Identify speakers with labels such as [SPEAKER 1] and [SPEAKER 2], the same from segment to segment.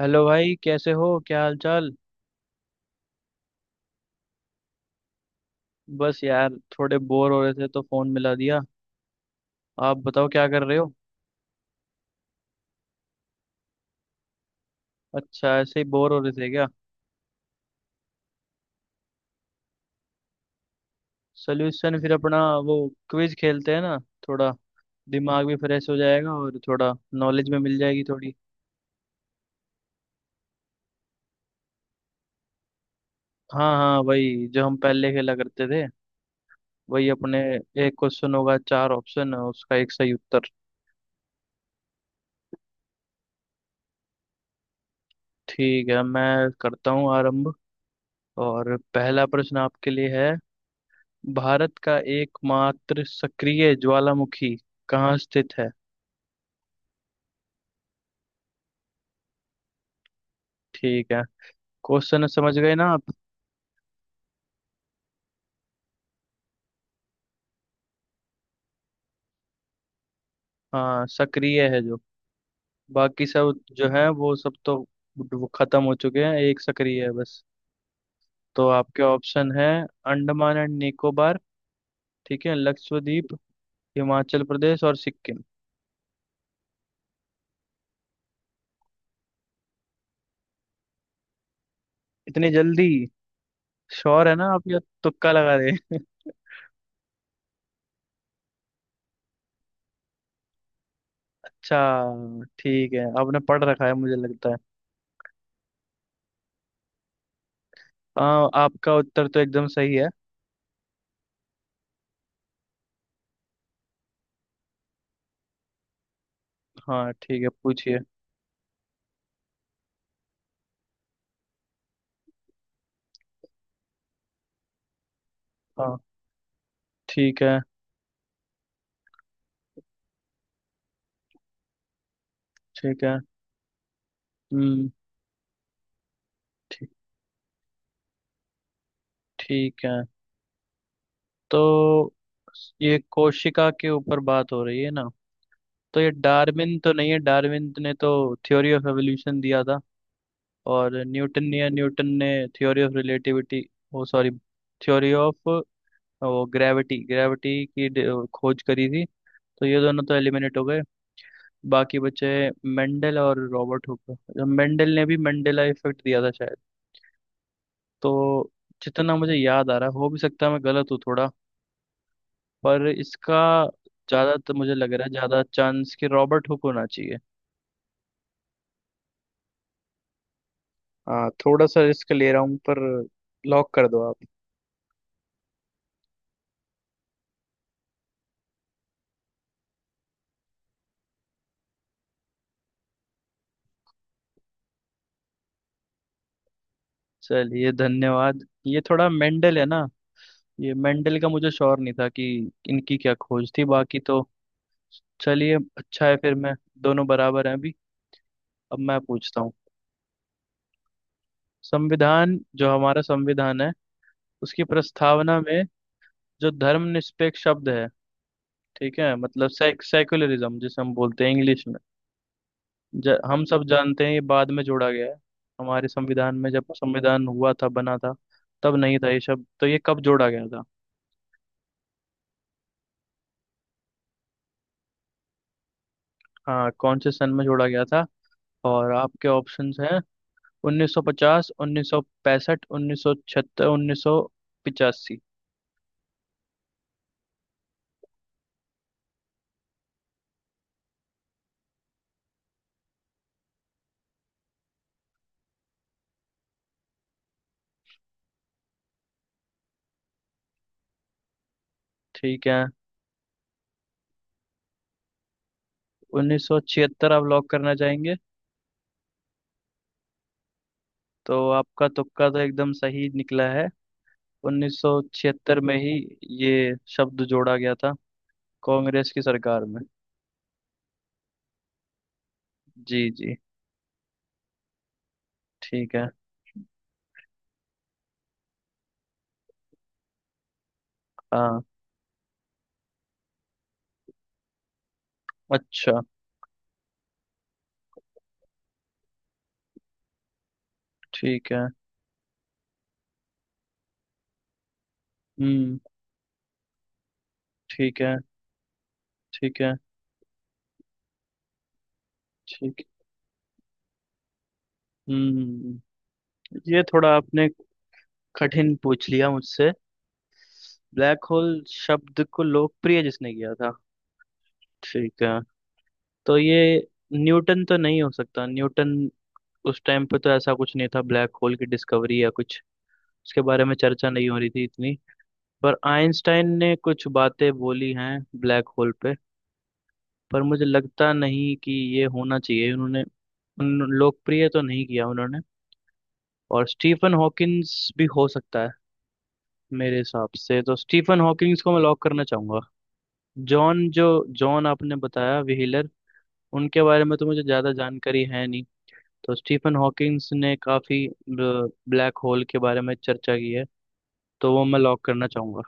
[SPEAKER 1] Hello भाई कैसे हो क्या हाल चाल। बस यार थोड़े बोर हो रहे थे तो फोन मिला दिया। आप बताओ क्या कर रहे हो। अच्छा ऐसे ही बोर हो रहे थे क्या। सोल्यूशन फिर अपना वो क्विज खेलते हैं ना, थोड़ा दिमाग भी फ्रेश हो जाएगा और थोड़ा नॉलेज में मिल जाएगी थोड़ी। हाँ हाँ, वही जो हम पहले खेला करते थे, वही अपने एक क्वेश्चन होगा, चार ऑप्शन है, उसका एक सही उत्तर। ठीक है, मैं करता हूँ आरंभ। और पहला प्रश्न आपके लिए है, भारत का एकमात्र सक्रिय ज्वालामुखी कहाँ स्थित है। ठीक है। क्वेश्चन समझ गए ना आप। हाँ सक्रिय है जो, बाकी सब जो है वो सब तो वो खत्म हो चुके हैं, एक सक्रिय है बस। तो आपके ऑप्शन है अंडमान एंड निकोबार, ठीक है, लक्षद्वीप, हिमाचल प्रदेश और सिक्किम। इतनी जल्दी, श्योर है ना आप, ये तुक्का लगा रहे हैं? अच्छा ठीक है, आपने पढ़ रखा है मुझे लगता है। हाँ आपका उत्तर तो एकदम सही है। हाँ ठीक है पूछिए। हाँ ठीक है। ठीक है। हम्म। ठीक। ठीक है। तो ये कोशिका के ऊपर बात हो रही है ना। तो ये डार्विन तो नहीं है, डार्विन ने तो थ्योरी ऑफ एवोल्यूशन दिया था। और न्यूटन या न्यूटन ने थ्योरी ऑफ रिलेटिविटी, वो सॉरी, थ्योरी ऑफ वो ग्रेविटी ग्रेविटी की ड- खोज करी थी। तो ये दोनों तो एलिमिनेट हो गए, बाकी बचे मेंडल और रॉबर्ट हुक। मेंडल ने भी मंडेला इफेक्ट दिया था शायद। तो जितना मुझे याद आ रहा है, हो भी सकता है मैं गलत हूँ थोड़ा, पर इसका ज्यादा तो मुझे लग रहा है, ज्यादा चांस कि रॉबर्ट हुक होना चाहिए। हाँ थोड़ा सा रिस्क ले रहा हूँ, पर लॉक कर दो आप। चलिए धन्यवाद। ये थोड़ा मेंडल है ना, ये मेंडल का मुझे श्योर नहीं था कि इनकी क्या खोज थी, बाकी तो चलिए अच्छा है फिर मैं। दोनों बराबर हैं अभी। अब मैं पूछता हूँ, संविधान जो हमारा संविधान है, उसकी प्रस्तावना में जो धर्मनिरपेक्ष शब्द है, ठीक है, मतलब सेक्युलरिज्म जिसे हम बोलते हैं इंग्लिश में। हम सब जानते हैं ये बाद में जोड़ा गया है हमारे संविधान में, जब संविधान हुआ था बना था तब नहीं था ये शब्द, तो ये कब जोड़ा गया था। हाँ कौन से सन में जोड़ा गया था। और आपके ऑप्शंस हैं 1950, 1965, 1976, 1985। ठीक है, 1976 आप लॉक करना चाहेंगे। तो आपका तुक्का तो एकदम सही निकला है, 1976 में ही ये शब्द जोड़ा गया था, कांग्रेस की सरकार में। जी जी। ठीक है। हाँ। अच्छा। ठीक है। हम्म। ठीक है। ठीक है। ठीक। हम्म। ये थोड़ा आपने कठिन पूछ लिया मुझसे, ब्लैक होल शब्द को लोकप्रिय जिसने किया था। ठीक है, तो ये न्यूटन तो नहीं हो सकता, न्यूटन उस टाइम पे तो ऐसा कुछ नहीं था, ब्लैक होल की डिस्कवरी या कुछ उसके बारे में चर्चा नहीं हो रही थी इतनी। पर आइंस्टाइन ने कुछ बातें बोली हैं ब्लैक होल पे, पर मुझे लगता नहीं कि ये होना चाहिए उन्होंने, उन लोकप्रिय तो नहीं किया उन्होंने। और स्टीफन हॉकिंस भी हो सकता है, मेरे हिसाब से तो स्टीफन हॉकिंस को मैं लॉक करना चाहूंगा। जॉन जो, जॉन आपने बताया व्हीलर, उनके बारे में तो मुझे ज़्यादा जानकारी है नहीं। तो स्टीफन हॉकिंस ने काफ़ी ब्लैक होल के बारे में चर्चा की है, तो वो मैं लॉक करना चाहूंगा।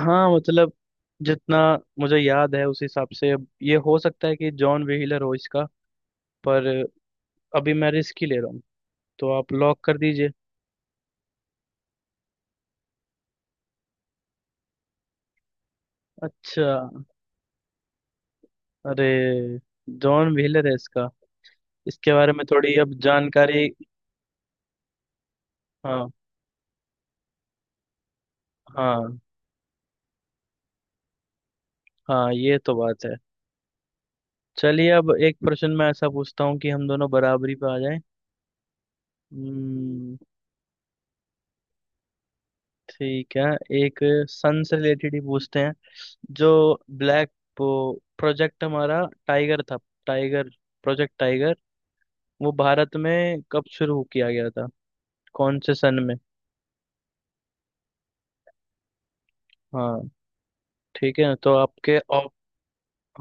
[SPEAKER 1] हाँ मतलब जितना मुझे याद है उस हिसाब से, अब ये हो सकता है कि जॉन व्हीलर हो इसका, पर अभी मैं रिस्क ही ले रहा हूँ, तो आप लॉक कर दीजिए। अच्छा। अरे, जॉन व्हीलर है इसका। इसके बारे में थोड़ी अब जानकारी। हाँ। हाँ हाँ, ये तो बात है। चलिए अब एक प्रश्न मैं ऐसा पूछता हूँ कि हम दोनों बराबरी पे आ जाएं। हम्म, ठीक है, एक सन से रिलेटेड ही पूछते हैं। जो ब्लैक, वो प्रोजेक्ट हमारा टाइगर था, टाइगर, प्रोजेक्ट टाइगर, वो भारत में कब शुरू किया गया था, कौन से सन में। हाँ ठीक है, तो आपके ऑप,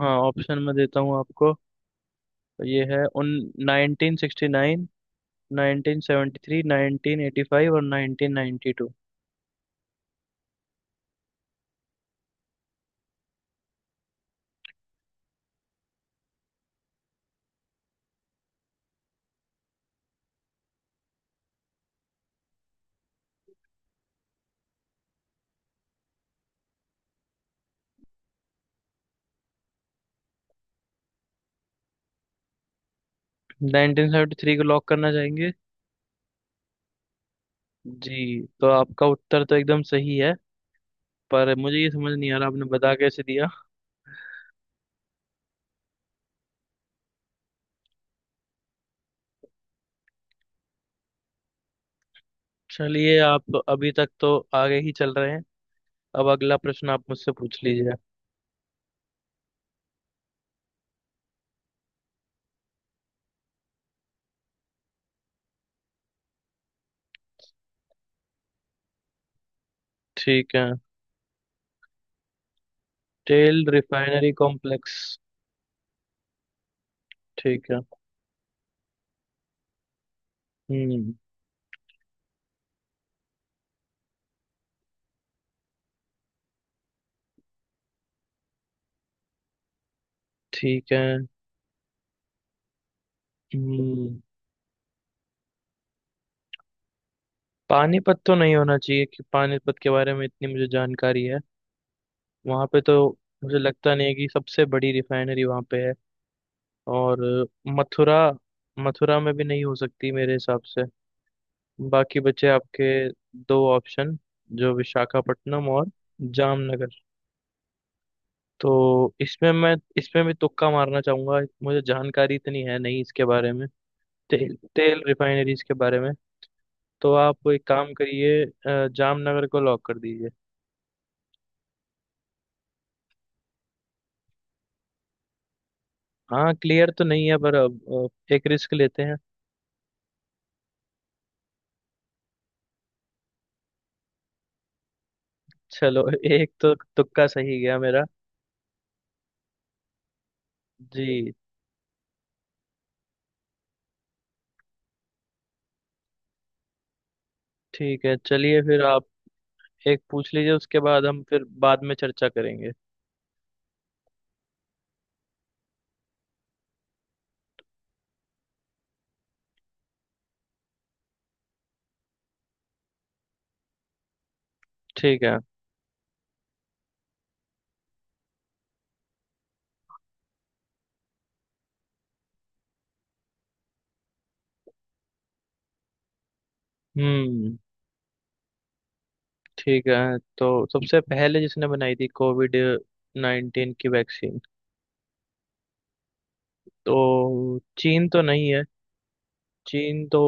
[SPEAKER 1] हाँ ऑप्शन में देता हूँ आपको। ये है उन 1969, 1973, 1985 और 1992। 1973 को लॉक करना चाहेंगे। जी, तो आपका उत्तर तो एकदम सही है, पर मुझे ये समझ नहीं आ रहा आपने बता कैसे दिया। चलिए आप अभी तक तो आगे ही चल रहे हैं, अब अगला प्रश्न आप मुझसे पूछ लीजिए। ठीक है, तेल रिफाइनरी कॉम्प्लेक्स। ठीक है। हम्म। ठीक है। हम्म। पानीपत तो नहीं होना चाहिए, कि पानीपत के बारे में इतनी मुझे जानकारी है, वहाँ पे तो मुझे लगता नहीं है कि सबसे बड़ी रिफाइनरी वहाँ पे है। और मथुरा, मथुरा में भी नहीं हो सकती मेरे हिसाब से। बाकी बचे आपके दो ऑप्शन, जो विशाखापट्टनम और जामनगर। तो इसमें मैं, इसमें भी तुक्का मारना चाहूंगा, मुझे जानकारी इतनी है नहीं इसके बारे में, तेल तेल रिफाइनरीज के बारे में। तो आप एक काम करिए जामनगर को लॉक कर दीजिए। हाँ क्लियर तो नहीं है पर अब एक रिस्क लेते हैं। चलो एक तो तुक्का सही गया मेरा। जी। ठीक है, चलिए फिर आप एक पूछ लीजिए, उसके बाद हम फिर बाद में चर्चा करेंगे। ठीक है। हम्म। ठीक है, तो सबसे पहले जिसने बनाई थी कोविड 19 की वैक्सीन। तो चीन तो नहीं है, चीन तो,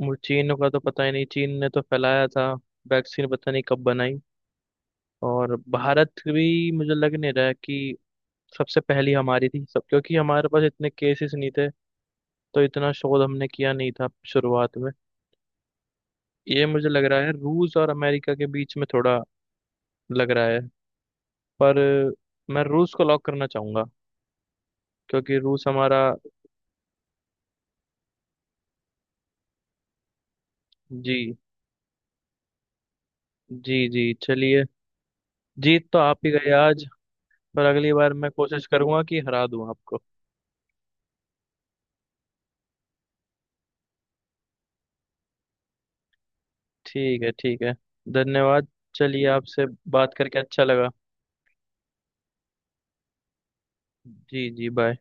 [SPEAKER 1] मुझे चीन का तो पता ही नहीं, चीन ने तो फैलाया था, वैक्सीन पता नहीं कब बनाई। और भारत भी मुझे लग नहीं रहा है कि सबसे पहली हमारी थी सब, क्योंकि हमारे पास इतने केसेस नहीं थे, तो इतना शोध हमने किया नहीं था शुरुआत में। ये मुझे लग रहा है रूस और अमेरिका के बीच में, थोड़ा लग रहा है, पर मैं रूस को लॉक करना चाहूंगा, क्योंकि रूस हमारा। जी जी। जी चलिए, जीत तो आप ही गए आज, पर अगली बार मैं कोशिश करूंगा कि हरा दूं आपको। ठीक है ठीक है, धन्यवाद। चलिए आपसे बात करके अच्छा लगा। जी जी बाय।